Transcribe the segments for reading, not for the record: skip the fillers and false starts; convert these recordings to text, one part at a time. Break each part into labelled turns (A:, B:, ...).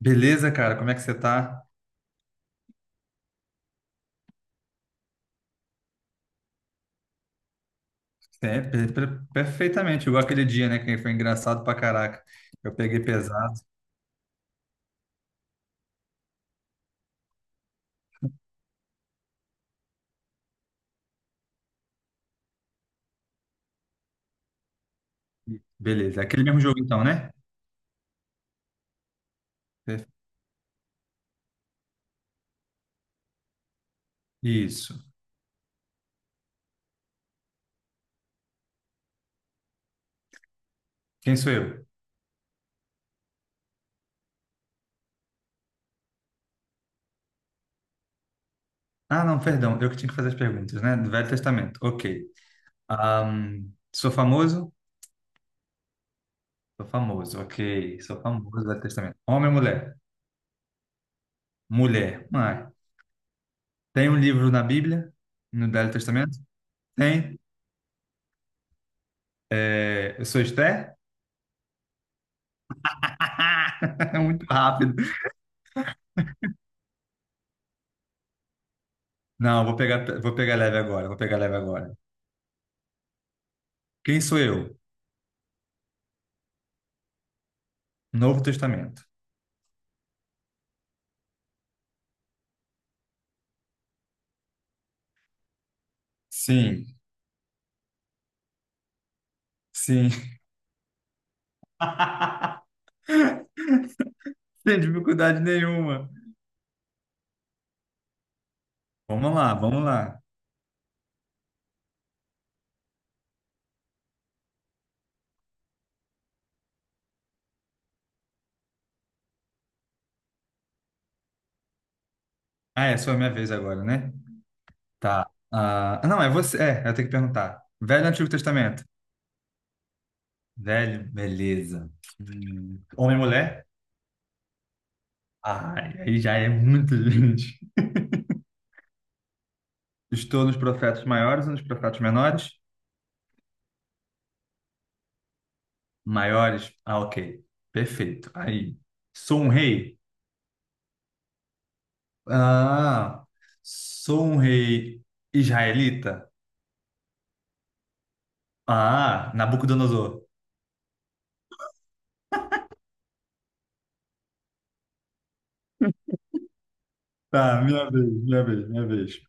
A: Beleza, cara? Como é que você tá? É, perfeitamente, igual aquele dia, né? Que foi engraçado pra caraca. Eu peguei pesado. Beleza. É aquele mesmo jogo então, né? Per- Isso. Quem sou eu? Ah, não, perdão. Eu que tinha que fazer as perguntas, né? Do Velho Testamento. Ok. Sou famoso? Sou famoso, ok. Sou famoso do Velho Testamento. Homem ou mulher? Mulher. Ah, tem um livro na Bíblia? No Velho Testamento? Tem. É, eu sou Esther? Muito rápido. Não, vou pegar leve agora, vou pegar leve agora. Quem sou eu? Novo Testamento. Sim, sim. Sem dificuldade nenhuma. Vamos lá, vamos lá. Ah, é só a minha vez agora, né? Tá. Ah, não, é você. É, eu tenho que perguntar. Velho ou Antigo Testamento? Velho, beleza. Homem e mulher? Ai, aí já é muita gente. Estou nos profetas maiores ou nos profetas menores? Maiores? Ah, ok. Perfeito. Aí. Sou um rei? Ah, sou um rei israelita? Ah, Nabucodonosor. Tá, minha vez, minha vez, minha vez.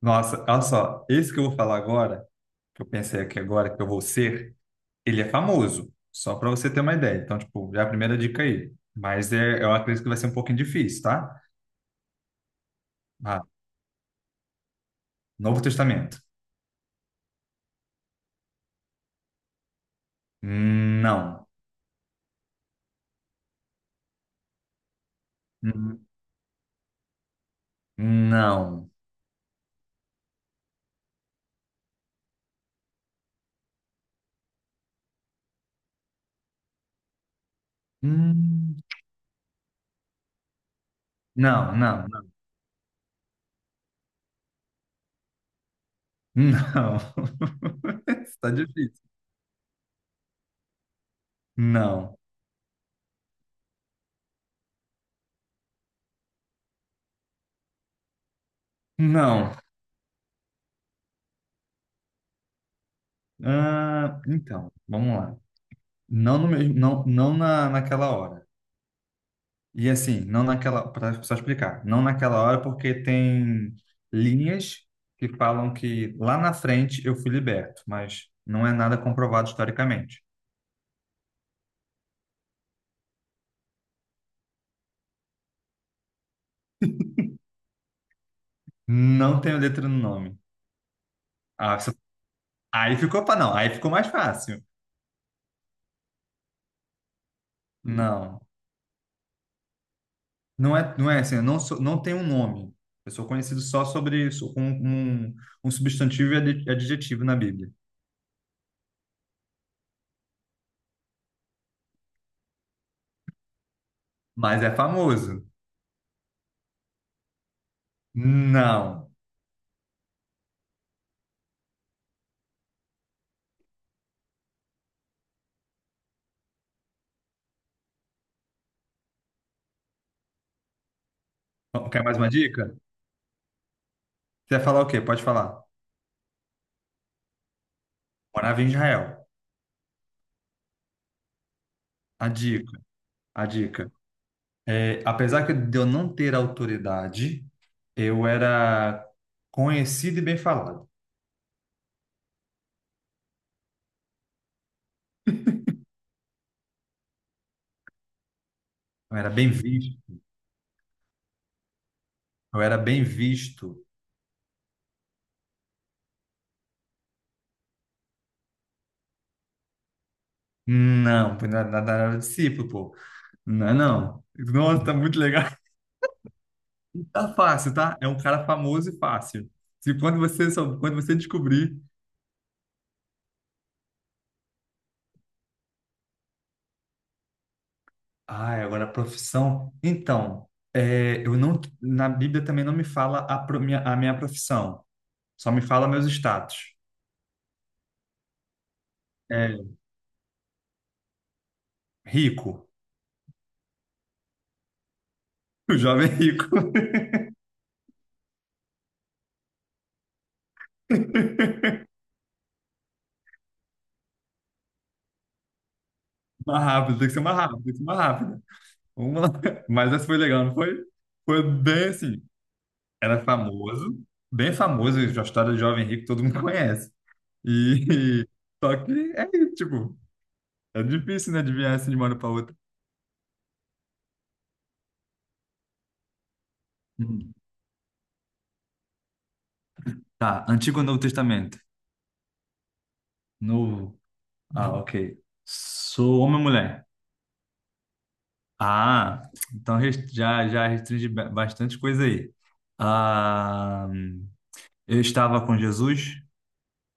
A: Nossa, olha só, esse que eu vou falar agora, que eu pensei aqui agora que eu vou ser, ele é famoso, só para você ter uma ideia. Então, tipo, já é a primeira dica aí. Mas é, eu acredito que vai ser um pouquinho difícil, tá? Ah, Novo Testamento. Não. Hum, Não. Hum, Não, não, não. Não. Está difícil. Não. Não. Ah, então, vamos lá. Não no mesmo, não, naquela hora. E assim, não naquela, para só explicar, não naquela hora porque tem linhas que falam que lá na frente eu fui liberto, mas não é nada comprovado historicamente. Não tenho letra no nome. Ah, isso- Aí ficou para não, aí ficou mais fácil. Não, não é, não é assim, eu não sou, não tenho um nome. Eu sou conhecido só sobre isso, com um, um substantivo e adjetivo na Bíblia. Mas é famoso. Não. Quer mais uma dica? Você vai falar o quê? Pode falar. Morava em Israel. A dica, a dica. É, apesar que de eu não ter autoridade, eu era conhecido e bem falado. Eu era bem visto. Eu era bem visto. Não, pô, nada nada era discípulo, pô. Não, é não. Nossa, tá muito legal. Tá fácil, tá? É um cara famoso e fácil. Se quando você, quando você descobrir, Ah, agora a profissão. Então, é, eu não, na Bíblia também não me fala a, minha, a minha profissão. Só me fala meus status. É, rico. O jovem rico. Mais rápido, tem que ser mais rápido, tem que ser mais rápido. Vamos lá. Mas essa foi legal, não foi? Foi bem assim. Era famoso, bem famoso, a história do jovem rico todo mundo conhece. E só que é isso, tipo, é difícil, né, adivinhar assim de uma hora para outra. Hum. Tá, Antigo ou Novo Testamento? Novo. Ah, ok. Sou homem ou mulher? Ah, então já restringe bastante coisa aí. Ah, eu estava com Jesus?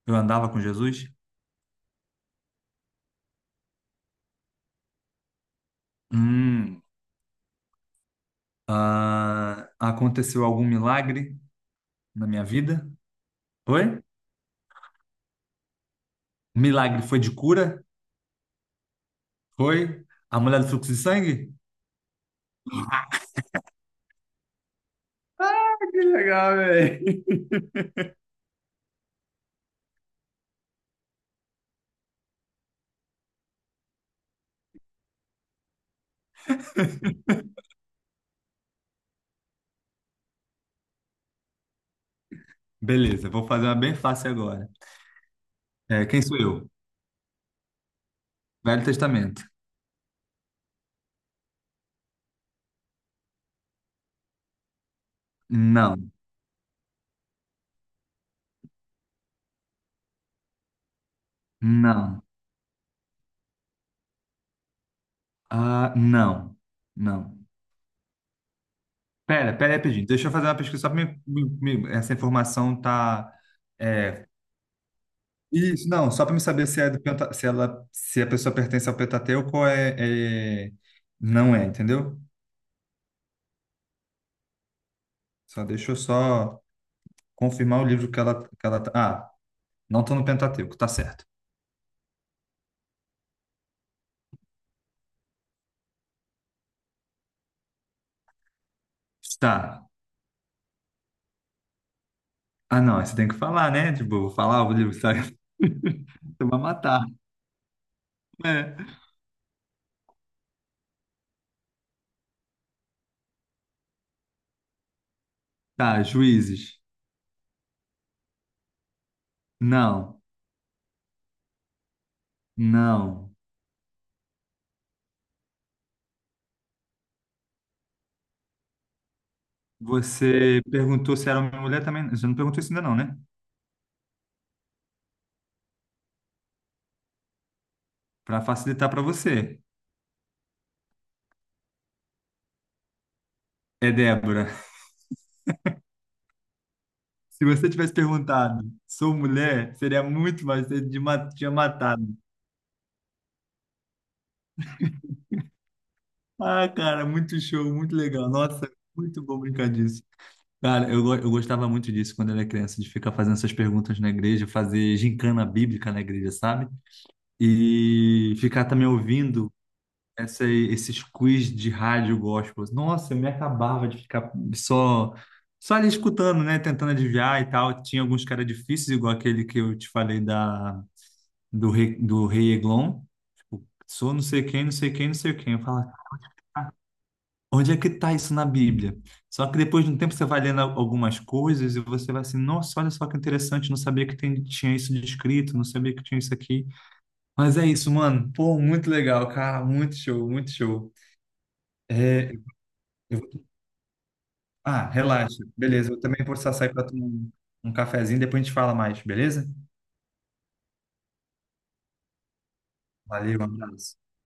A: Eu andava com Jesus? Hum, ah, aconteceu algum milagre na minha vida? Foi? Milagre foi de cura? Foi? A mulher do fluxo de sangue? Que legal, velho. Beleza, vou fazer uma bem fácil agora. É, quem sou eu? Velho Testamento. Não, não, ah, não, não. Pera, pera aí, pedido. Deixa eu fazer uma pesquisa só para me, essa informação tá. É, isso, não, só para me saber se é do penta, se ela, se a pessoa pertence ao Pentateuco ou é- não é, entendeu? Só deixa eu só confirmar o livro que ela tá. Ah, não tô no Pentateuco, tá certo. Tá. Ah, não, você tem que falar, né? Tipo, eu vou falar o livro, sabe? Você vai matar. É. Tá, juízes. Não, não. Você perguntou se era homem ou mulher também. Você não perguntou isso ainda, não, né? Para facilitar para você. É Débora. Se você tivesse perguntado, sou mulher, seria muito mais, você tinha matado. Ah, cara, muito show, muito legal. Nossa, muito bom brincar disso. Cara, eu, eu gostava muito disso quando era criança, de ficar fazendo essas perguntas na igreja, fazer gincana bíblica na igreja, sabe? E ficar também ouvindo essa, esses quiz de rádio gospel. Nossa, eu me acabava de ficar só, só ali escutando, né? Tentando adivinhar e tal. Tinha alguns caras difíceis, igual aquele que eu te falei da, do rei Eglon. Tipo, sou não sei quem, não sei quem, não sei quem. Eu falo, onde é que tá isso na Bíblia? Só que depois de um tempo você vai lendo algumas coisas e você vai assim, nossa, olha só que interessante, não sabia que tinha isso descrito, não sabia que tinha isso aqui. Mas é isso, mano. Pô, muito legal, cara. Muito show, muito show. É, eu vou- Ah, relaxa. Beleza, eu também vou precisar sair para tomar um, um cafezinho, depois a gente fala mais, beleza? Valeu, um abraço.